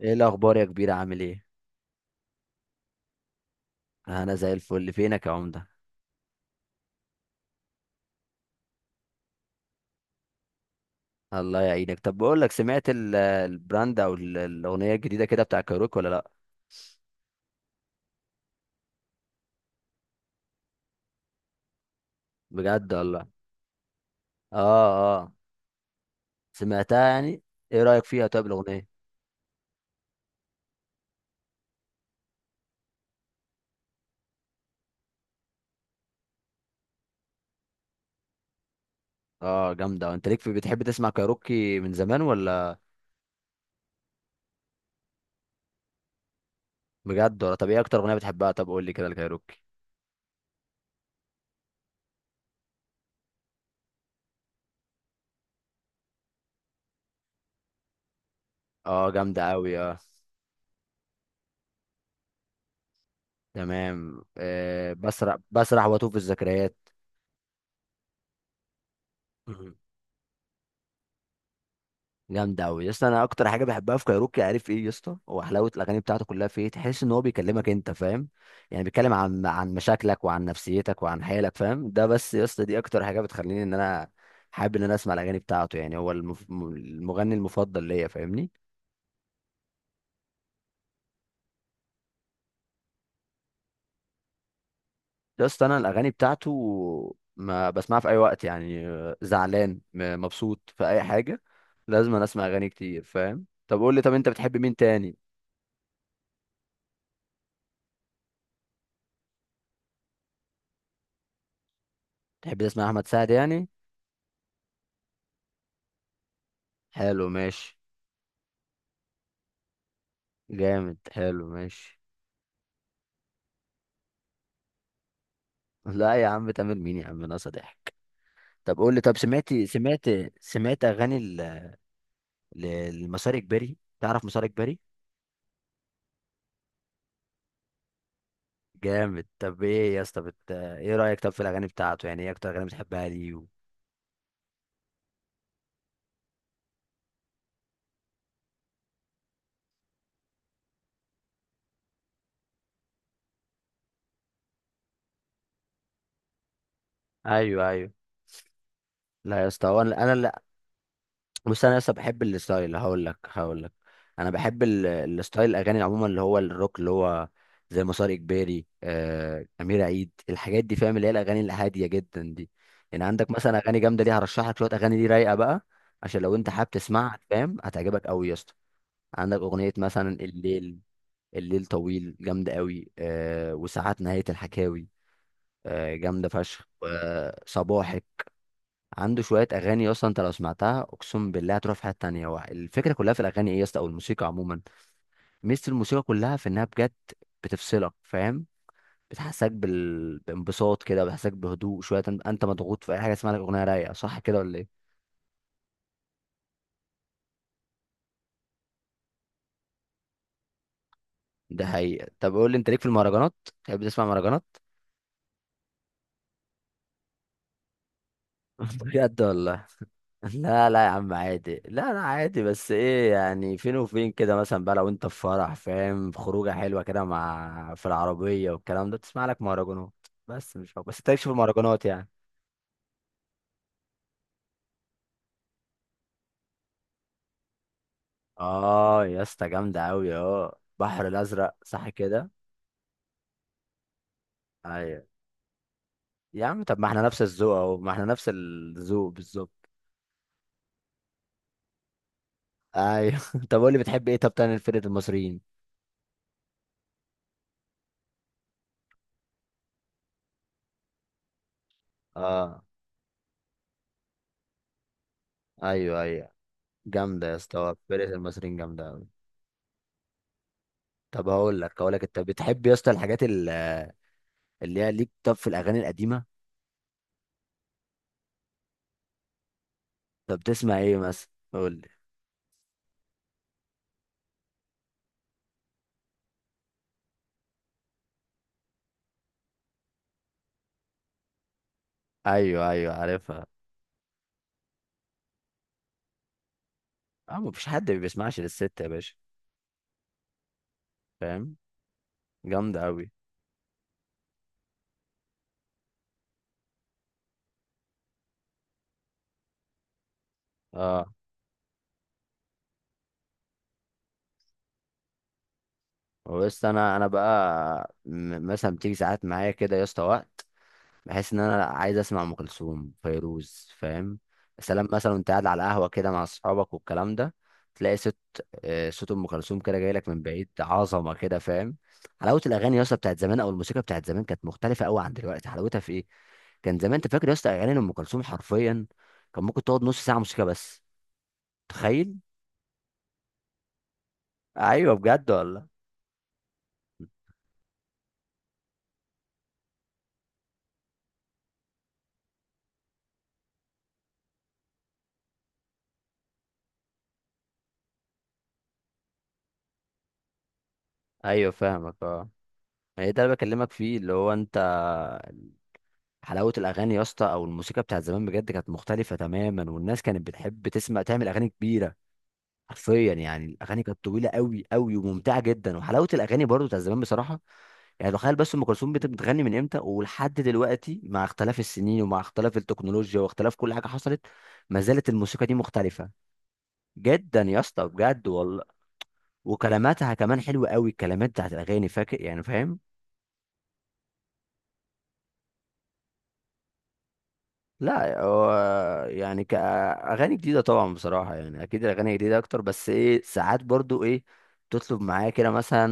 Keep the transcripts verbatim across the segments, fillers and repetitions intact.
ايه الاخبار يا كبير؟ عامل ايه؟ انا زي الفل. فينك يا عمده؟ الله يعينك. طب بقول لك، سمعت ال- البراند او ال- الاغنيه الجديده كده بتاع كايروكي ولا لا؟ بجد والله؟ اه، اه. سمعتها يعني؟ ايه رايك فيها طيب الاغنيه؟ اه جامده. انت ليك في؟ بتحب تسمع كايروكي من زمان ولا؟ بجد ولا؟ طب ايه اكتر اغنيه بتحبها؟ طب قول لي كده الكايروكي. اه جامده قوي، اه. تمام. آه بسرح بسرح واتوه في الذكريات. جامدة أوي يا اسطى. أنا أكتر حاجة بحبها في كايروكي، عارف إيه يا اسطى؟ هو حلاوة الأغاني بتاعته كلها، في إيه؟ تحس إن هو بيكلمك أنت، فاهم؟ يعني بيتكلم عن عن مشاكلك وعن نفسيتك وعن حالك، فاهم؟ ده بس يا اسطى دي أكتر حاجة بتخليني إن أنا حابب إن أنا أسمع الأغاني بتاعته. يعني هو المف... م- المغني المفضل ليا، فاهمني؟ يا اسطى، أنا الأغاني بتاعته ما بسمعها في أي وقت يعني، آه، زعلان م- مبسوط في أي حاجة. لازم أنا أسمع أغاني كتير، فاهم؟ طب قول لي، طب أنت بتحب مين تاني؟ تحب تسمع أحمد سعد يعني؟ حلو، ماشي. جامد، حلو، ماشي. لا يا عم، تامر مين يا عم؟ ناقصه ضحك. طب قول لي، طب سمعت سمعت سمعت اغاني ال- ل- لمسار اجباري. تعرف مسار اجباري؟ جامد. طب ايه يا اسطى بت... ايه رايك طب في الاغاني بتاعته؟ يعني ايه اكتر اغاني بتحبها ليه و... ايوه، ايوه. لا يا اسطى، هو انا انا بص، انا لسه بحب الستايل. هقول لك هقول لك انا بحب ال- الستايل، الاغاني عموما اللي هو الروك، اللي هو زي مسار اجباري، آه، امير عيد، الحاجات دي فاهم، اللي هي الاغاني الهاديه جدا دي. يعني عندك مثلا اغاني جامده، دي هرشح لك شويه اغاني دي رايقه بقى. عشان لو انت حابب تسمعها، فاهم؟ هتعجبك قوي يا اسطى. عندك اغنيه مثلا الليل. الليل طويل، جامده قوي، آه، وساعات نهايه الحكاوي. آه، جامده فشخ، وصباحك. عنده شويه اغاني اصلا، انت لو سمعتها اقسم بالله هتروح في حته تانية. هو الفكره كلها في الاغاني ايه يا اسطى، او الموسيقى عموما. ميزه الموسيقى كلها في انها بجد بتفصلك، فاهم؟ بتحسسك بال... بانبساط كده، بتحسسك بهدوء شويه. انت أنت مضغوط في اي حاجه، اسمها لك اغنيه رايقه. صح كده ولا ايه؟ ده حقيقه. طب قول لي، انت ليك في المهرجانات؟ تحب تسمع مهرجانات؟ بجد والله؟ لا، لا يا عم، عادي. لا، لا، عادي. بس ايه يعني، فين وفين كده. مثلا بقى لو انت في فرح، فاهم؟ في خروجه حلوه كده، مع في العربيه والكلام ده، تسمع لك مهرجانات. بس مش هو. بس انت لكش في المهرجانات يعني؟ اه يا اسطى، جامده قوي، اه. بحر الازرق، صح كده؟ ايوه يا عم، طب ما احنا نفس الذوق اهو، ما احنا نفس الذوق بالظبط. ايوه. طب قول لي، بتحب ايه طب تاني فرقه المصريين؟ اه. ايوه، ايوه. جامده يا اسطى، فرقه المصريين جامده قوي. طب هقول لك هقول لك انت بتحب يا اسطى الحاجات ال- اللي هي ليك طب في الاغاني القديمه. طب بتسمع ايه مثلا، قول لي. ايوه، ايوه، عارفها. اه، مفيش حد ما بيسمعش للست يا باشا، فاهم؟ جامده قوي، اه. بس انا انا بقى م- مثلا بتيجي ساعات معايا كده يا اسطى وقت، بحيث ان انا عايز اسمع ام كلثوم، فيروز، فاهم؟ سلام مثلا. وانت قاعد على القهوه كده مع اصحابك والكلام ده، تلاقي صوت، آه، صوت ام كلثوم كده جاي لك من بعيد، عظمه كده، فاهم؟ حلاوه الاغاني يا اسطى بتاعت زمان، او الموسيقى بتاعت زمان، كانت مختلفه قوي عن دلوقتي. حلاوتها في ايه؟ كان زمان، انت فاكر يا اسطى اغاني ام كلثوم حرفيا، كان ممكن تقعد نص ساعه موسيقى بس. تخيل! ايوه، بجد والله. ايوه فاهمك، اه. هي ده اللي بكلمك فيه، اللي هو انت. حلاوه الاغاني يا اسطى او الموسيقى بتاعت زمان بجد كانت مختلفه تماما، والناس كانت بتحب تسمع، تعمل اغاني كبيره. حرفيا، يعني الاغاني كانت طويله قوي قوي وممتعه جدا، وحلاوه الاغاني برضو بتاعت زمان بصراحه. يعني تخيل، بس ام كلثوم بت- بتغني من امتى ولحد دلوقتي، مع اختلاف السنين ومع اختلاف التكنولوجيا واختلاف كل حاجه حصلت، ما زالت الموسيقى دي مختلفه جدا يا اسطى، بجد والله. وكلماتها كمان حلوه قوي، الكلمات بتاعت الاغاني، فاكر يعني، فاهم؟ لا، هو يعني كأغاني جديدة طبعا بصراحة، يعني أكيد الأغاني جديدة أكتر. بس إيه، ساعات برضو إيه، تطلب معايا كده مثلا.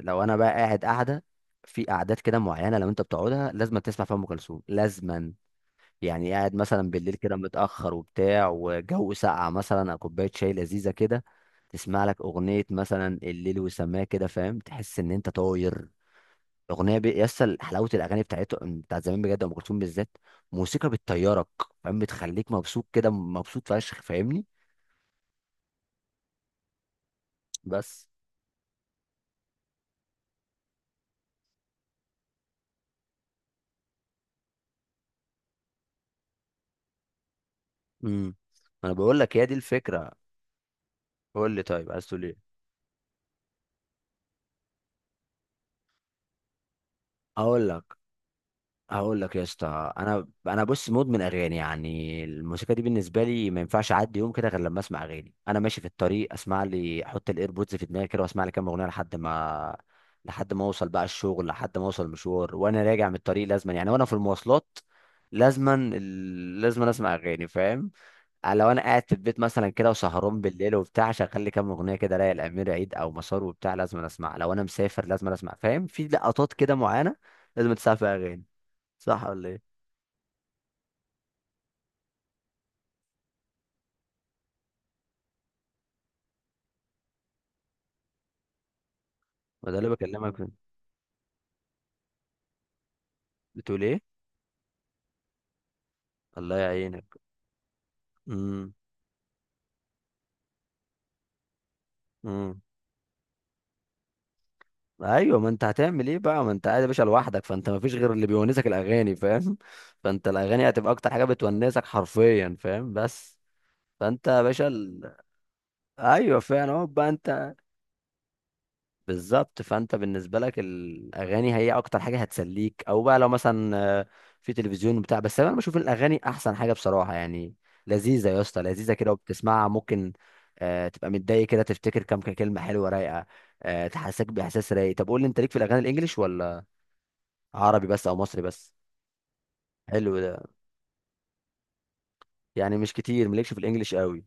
لو أنا بقى قاعد قاعدة في قعدات كده معينة، لو أنت بتقعدها لازم تسمع فيها أم كلثوم لازما. يعني قاعد مثلا بالليل كده متأخر وبتاع، وجو ساقع مثلا أو كوباية شاي لذيذة كده، تسمع لك أغنية مثلا الليل وسماه كده، فاهم؟ تحس إن أنت طاير. الاغنيه بي... يسطا، حلاوه الاغاني بتاعته بتاعت زمان بجد ام كلثوم بالذات، موسيقى بتطيرك، فاهم؟ بتخليك مبسوط كده، مبسوط فشخ، فاهمني؟ بس. امم انا بقول لك هي دي الفكره. قول لي طيب، عايز تقول ايه؟ اقول لك. هقول لك يا اسطى، انا انا بص مدمن اغاني، يعني الموسيقى دي بالنسبه لي ما ينفعش اعدي يوم كده غير لما اسمع اغاني. انا ماشي في الطريق اسمع لي، احط الايربودز في دماغي كده واسمع لي كام اغنيه لحد ما لحد ما اوصل بقى الشغل، لحد ما اوصل المشوار، وانا راجع من الطريق لازما يعني، وانا في المواصلات لازما ال- لازما اسمع اغاني، فاهم؟ آه، لو انا قاعد في البيت مثلا كده وسهران بالليل وبتاع، شغال لي كام اغنيه كده رايق، الامير عيد او مسار وبتاع، لازم أنا اسمع. لو انا مسافر لازم أنا اسمع، فاهم؟ في لقطات كده معينه لازم تسمع فيها اغاني. صح ولا ايه؟ ما ده اللي بكلمك فيه. بتقول ايه؟ الله يعينك. امم، امم. ايوه، ما انت هتعمل ايه بقى؟ ما انت قاعد يا باشا لوحدك، فانت ما فيش غير اللي بيونسك الاغاني، فاهم؟ فانت الاغاني هتبقى اكتر حاجه بتونسك حرفيا، فاهم؟ بس فانت يا باشا ال... ايوه فعلا اهو بقى انت. بالظبط. فانت بالنسبه لك الاغاني هي اكتر حاجه هتسليك، او بقى لو مثلا، آه، في تلفزيون بتاع، بس انا بشوف الاغاني احسن حاجه بصراحه يعني. لذيذه يا اسطى، لذيذه كده وبتسمعها، ممكن آه، تبقى متضايق كده، تفتكر كام كلمه حلوه رايقه، آه، تحسسك باحساس رايق. طب قول لي، انت ليك في الاغاني الانجليش، ولا عربي بس او مصري بس؟ حلو ده. يعني مش كتير، مالكش في الانجليش قوي؟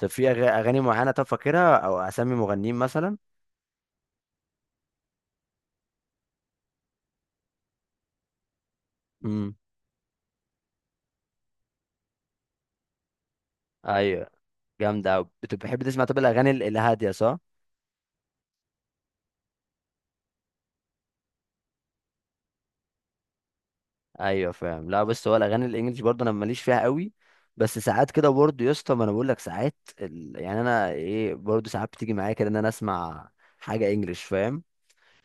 طب في أغ- اغاني معينه طب فاكرها، او اسامي مغنيين مثلا؟ امم. ايوه، جامده أوي. بتحب تسمع طب الاغاني ال- الهاديه، صح؟ ايوه فاهم. لا بس هو الاغاني الانجليش برضه انا ماليش فيها قوي. بس ساعات كده برضه يا اسطى، ما انا بقول لك ساعات ال... يعني انا ايه، برضه ساعات بتيجي معايا كده ان انا اسمع حاجه انجليش، فاهم؟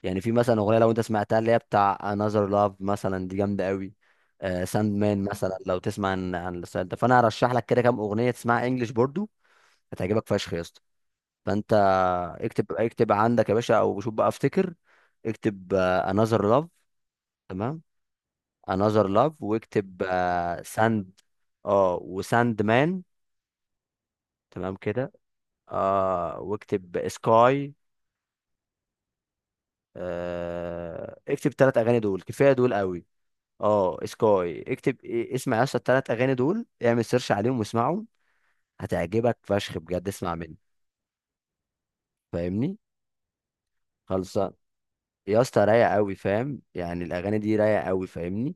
يعني في مثلا اغنيه لو انت سمعتها اللي هي بتاع Another Love مثلا، دي جامده قوي. آه ساند مان مثلا، لو تسمع عن عن الستايل ده فانا هرشح لك كده كام اغنيه تسمعها انجليش برضه. هتعجبك فشخ يا اسطى. فانت اكتب اكتب عندك يا باشا، او شوف بقى افتكر. اكتب آه Another Love. تمام. انذر لاف، واكتب آه ساند. اه، وساند مان. تمام كده. اه، واكتب سكاي. آه اكتب ثلاث اغاني، دول كفايه، دول قوي. اه، سكاي. اكتب إيه- اسمع يا اسطى، الثلاث اغاني دول اعمل سيرش عليهم واسمعهم. هتعجبك فشخ بجد، اسمع مني. فاهمني؟ خلصان. يا اسطى، رايقه قوي، فاهم؟ يعني الاغاني دي رايقه قوي، فاهمني؟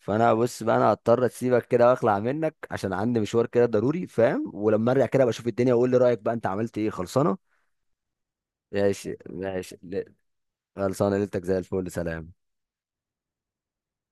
فانا بص بقى، انا هضطر اسيبك كده واخلع منك عشان عندي مشوار كده ضروري، فاهم؟ ولما ارجع كده بشوف الدنيا واقول لي رايك بقى، انت عملت ايه. خلصانه؟ ماشي، ماشي ل- خلصانه. ليلتك زي الفل، سلام.